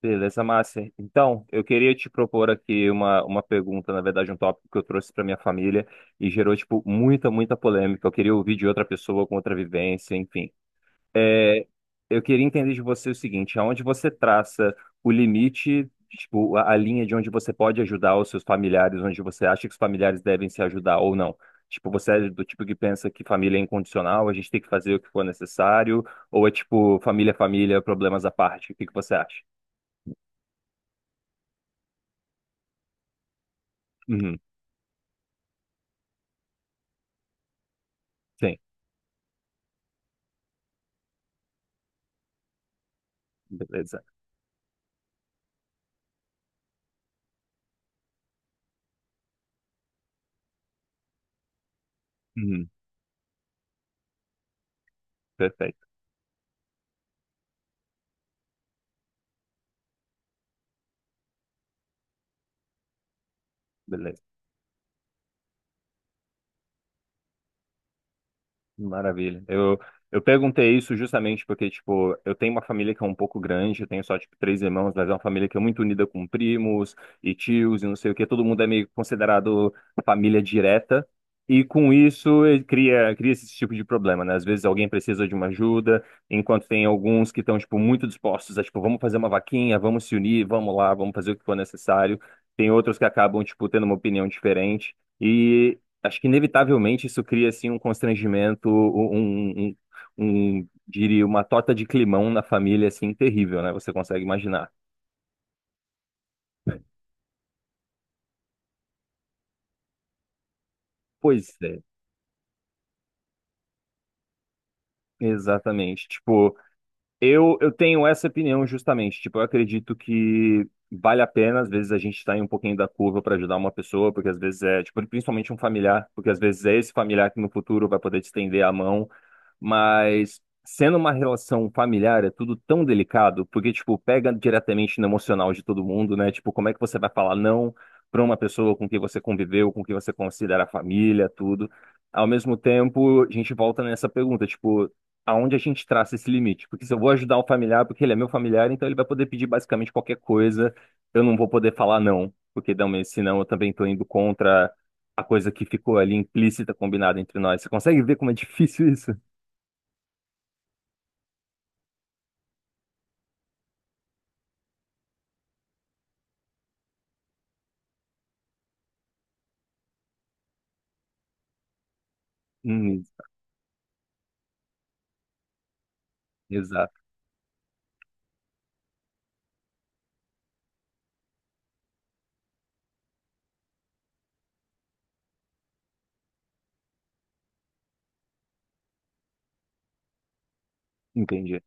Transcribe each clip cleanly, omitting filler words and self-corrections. Beleza, Márcia. Então, eu queria te propor aqui uma pergunta, na verdade, um tópico que eu trouxe para minha família e gerou, tipo, muita polêmica. Eu queria ouvir de outra pessoa com outra vivência, enfim. É, eu queria entender de você o seguinte, aonde você traça o limite, tipo, a linha de onde você pode ajudar os seus familiares, onde você acha que os familiares devem se ajudar ou não? Tipo, você é do tipo que pensa que família é incondicional, a gente tem que fazer o que for necessário, ou é tipo, família é família, problemas à parte? O que que você acha? Sim, beleza. Uhum, perfeito, beleza. Maravilha. Eu perguntei isso justamente porque, tipo, eu tenho uma família que é um pouco grande, eu tenho só, tipo, três irmãos, mas é uma família que é muito unida com primos e tios e não sei o quê. Todo mundo é meio considerado família direta. E com isso, ele cria esse tipo de problema, né? Às vezes alguém precisa de uma ajuda, enquanto tem alguns que estão, tipo, muito dispostos a, tipo, vamos fazer uma vaquinha, vamos se unir, vamos lá, vamos fazer o que for necessário. Tem outros que acabam, tipo, tendo uma opinião diferente. E acho que inevitavelmente isso cria assim um constrangimento, um, um- diria, uma torta de climão na família assim terrível, né? Você consegue imaginar? Pois é, exatamente. Tipo, eu tenho essa opinião justamente. Tipo, eu acredito que vale a pena às vezes a gente sair um pouquinho da curva para ajudar uma pessoa, porque às vezes é, tipo, principalmente um familiar, porque às vezes é esse familiar que no futuro vai poder te estender a mão. Mas sendo uma relação familiar, é tudo tão delicado, porque, tipo, pega diretamente no emocional de todo mundo, né? Tipo, como é que você vai falar não para uma pessoa com quem você conviveu, com quem você considera família, tudo. Ao mesmo tempo, a gente volta nessa pergunta, tipo, aonde a gente traça esse limite? Porque se eu vou ajudar o familiar, porque ele é meu familiar, então ele vai poder pedir basicamente qualquer coisa, eu não vou poder falar não, porque não, mas senão eu também estou indo contra a coisa que ficou ali implícita, combinada entre nós. Você consegue ver como é difícil isso? Hum, exato, entendi.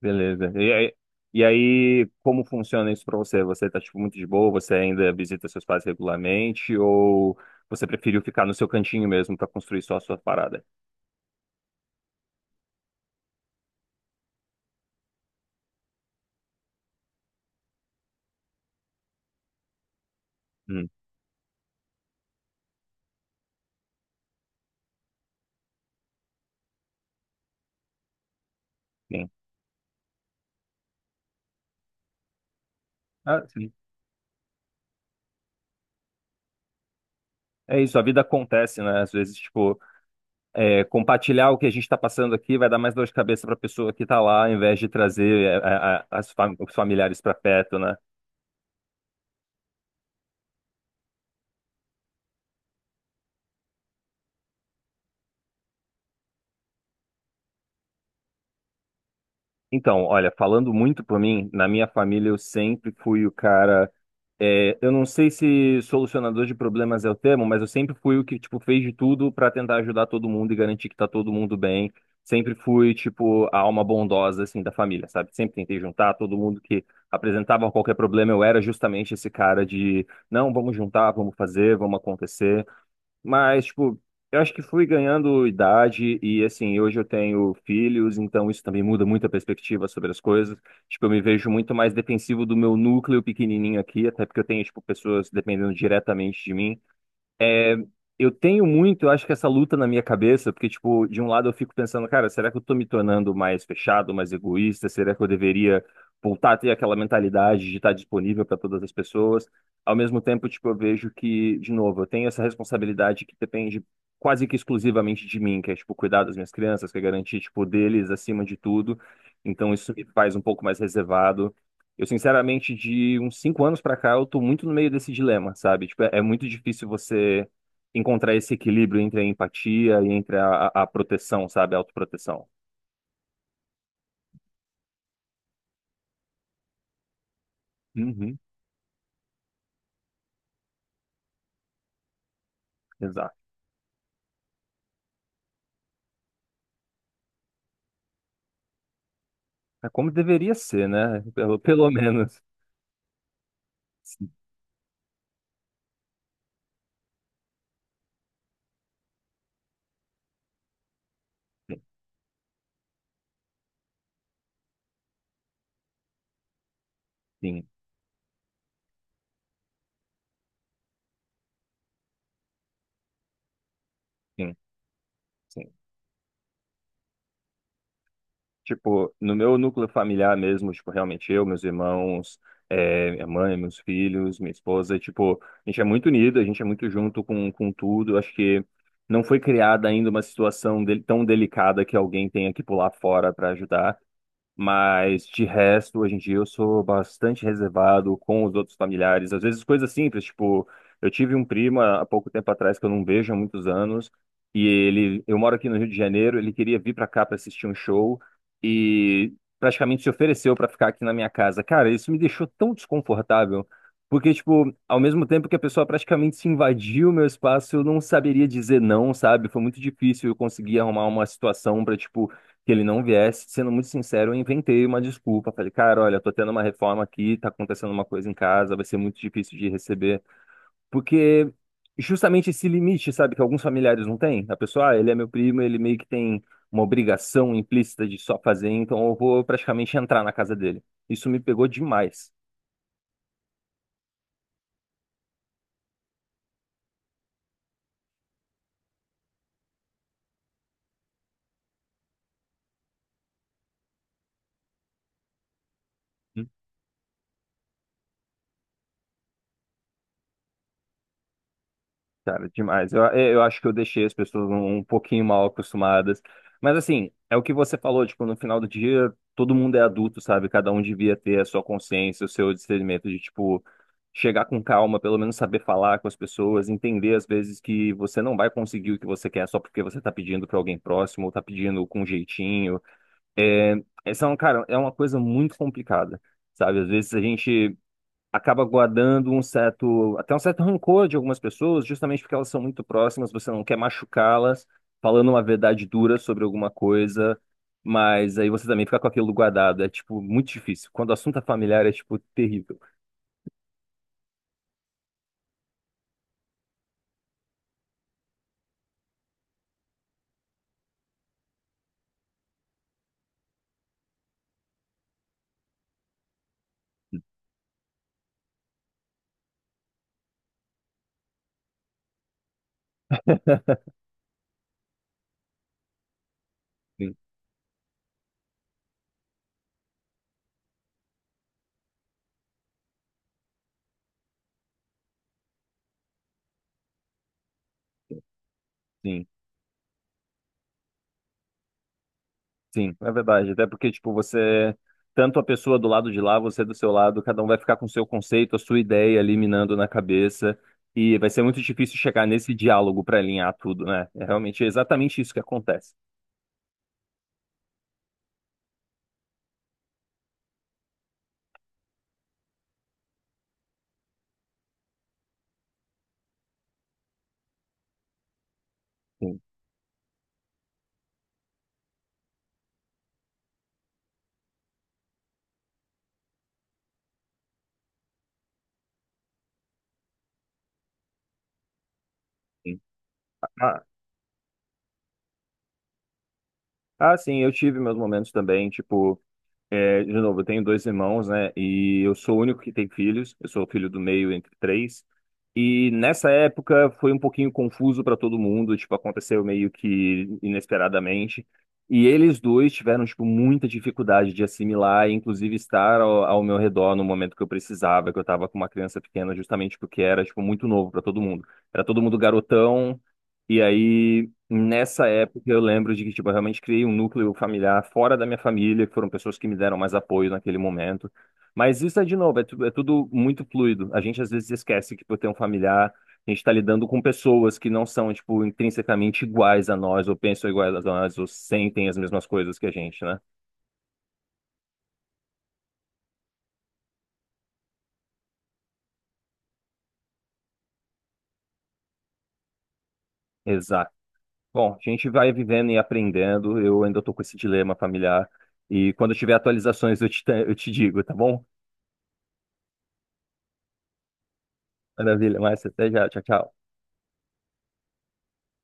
Beleza. E aí, como funciona isso pra você? Você tá, tipo, muito de boa? Você ainda visita seus pais regularmente? Ou você preferiu ficar no seu cantinho mesmo pra construir só a sua parada? Hum, sim. Ah, sim. É isso, a vida acontece, né? Às vezes, tipo, compartilhar o que a gente tá passando aqui vai dar mais dor de cabeça pra pessoa que tá lá, ao invés de trazer os familiares pra perto, né? Então, olha, falando muito por mim, na minha família eu sempre fui o cara. Eu não sei se solucionador de problemas é o termo, mas eu sempre fui o que, tipo, fez de tudo para tentar ajudar todo mundo e garantir que tá todo mundo bem. Sempre fui, tipo, a alma bondosa, assim, da família, sabe? Sempre tentei juntar todo mundo que apresentava qualquer problema. Eu era justamente esse cara de, não, vamos juntar, vamos fazer, vamos acontecer. Mas, tipo, eu acho que fui ganhando idade e, assim, hoje eu tenho filhos, então isso também muda muito a perspectiva sobre as coisas. Tipo, eu me vejo muito mais defensivo do meu núcleo pequenininho aqui, até porque eu tenho, tipo, pessoas dependendo diretamente de mim. É, Eu tenho muito, eu acho que essa luta na minha cabeça, porque, tipo, de um lado eu fico pensando, cara, será que eu tô me tornando mais fechado, mais egoísta? Será que eu deveria voltar a ter aquela mentalidade de estar disponível para todas as pessoas? Ao mesmo tempo, tipo, eu vejo que, de novo, eu tenho essa responsabilidade que depende quase que exclusivamente de mim, que é, tipo, cuidar das minhas crianças, que é garantir, tipo, deles acima de tudo. Então, isso me faz um pouco mais reservado. Eu, sinceramente, de uns cinco anos pra cá, eu tô muito no meio desse dilema, sabe? Tipo, é muito difícil você encontrar esse equilíbrio entre a empatia e entre a proteção, sabe? A autoproteção. Uhum, exato. É como deveria ser, né? Pelo menos. Sim, sim, sim, sim. Tipo, no meu núcleo familiar mesmo, tipo, realmente eu, meus irmãos, minha mãe, meus filhos, minha esposa, tipo, a gente é muito unido, a gente é muito junto com tudo. Acho que não foi criada ainda uma situação tão delicada que alguém tenha que pular fora para ajudar. Mas de resto, hoje em dia eu sou bastante reservado com os outros familiares. Às vezes coisas simples, tipo, eu tive um primo há pouco tempo atrás que eu não vejo há muitos anos, e ele, eu moro aqui no Rio de Janeiro, ele queria vir para cá para assistir um show e praticamente se ofereceu para ficar aqui na minha casa. Cara, isso me deixou tão desconfortável, porque tipo, ao mesmo tempo que a pessoa praticamente se invadiu o meu espaço, eu não saberia dizer não, sabe? Foi muito difícil eu conseguir arrumar uma situação para tipo que ele não viesse, sendo muito sincero, eu inventei uma desculpa. Falei, cara, olha, tô tendo uma reforma aqui, tá acontecendo uma coisa em casa, vai ser muito difícil de receber. Porque justamente esse limite, sabe, que alguns familiares não têm. A pessoa, ah, ele é meu primo, ele meio que tem uma obrigação implícita de só fazer, então eu vou praticamente entrar na casa dele. Isso me pegou demais. Cara, demais. Eu acho que eu deixei as pessoas um pouquinho mal acostumadas. Mas assim, é o que você falou, tipo, no final do dia, todo mundo é adulto, sabe? Cada um devia ter a sua consciência, o seu discernimento de, tipo, chegar com calma, pelo menos saber falar com as pessoas, entender às vezes que você não vai conseguir o que você quer só porque você tá pedindo pra alguém próximo, ou tá pedindo com jeitinho. É, cara, é uma coisa muito complicada, sabe? Às vezes a gente acaba guardando um certo, até um certo rancor de algumas pessoas, justamente porque elas são muito próximas, você não quer machucá-las, falando uma verdade dura sobre alguma coisa, mas aí você também fica com aquilo guardado. É, tipo, muito difícil. Quando o assunto é familiar, é, tipo, terrível. Sim, sim, sim, é verdade. Até porque, tipo, você, tanto a pessoa do lado de lá, você do seu lado, cada um vai ficar com o seu conceito, a sua ideia ali minando na cabeça. E vai ser muito difícil chegar nesse diálogo para alinhar tudo, né? É realmente exatamente isso que acontece. Sim. Ah, ah, sim, eu tive meus momentos também, tipo, de novo, eu tenho dois irmãos, né, e eu sou o único que tem filhos, eu sou o filho do meio entre três, e nessa época foi um pouquinho confuso para todo mundo, tipo, aconteceu meio que inesperadamente, e eles dois tiveram, tipo, muita dificuldade de assimilar, e inclusive estar ao meu redor no momento que eu precisava, que eu tava com uma criança pequena, justamente porque era, tipo, muito novo para todo mundo. Era todo mundo garotão, e aí nessa época, eu lembro de que, tipo, eu realmente criei um núcleo familiar fora da minha família, que foram pessoas que me deram mais apoio naquele momento. Mas isso é, de novo, é tudo muito fluido. A gente, às vezes, esquece que, por ter um familiar, a gente está lidando com pessoas que não são, tipo, intrinsecamente iguais a nós, ou pensam iguais a nós, ou sentem as mesmas coisas que a gente, né? Exato. Bom, a gente vai vivendo e aprendendo. Eu ainda estou com esse dilema familiar. E quando eu tiver atualizações, eu te digo, tá bom? Maravilha, Márcia. Até já. Tchau, tchau.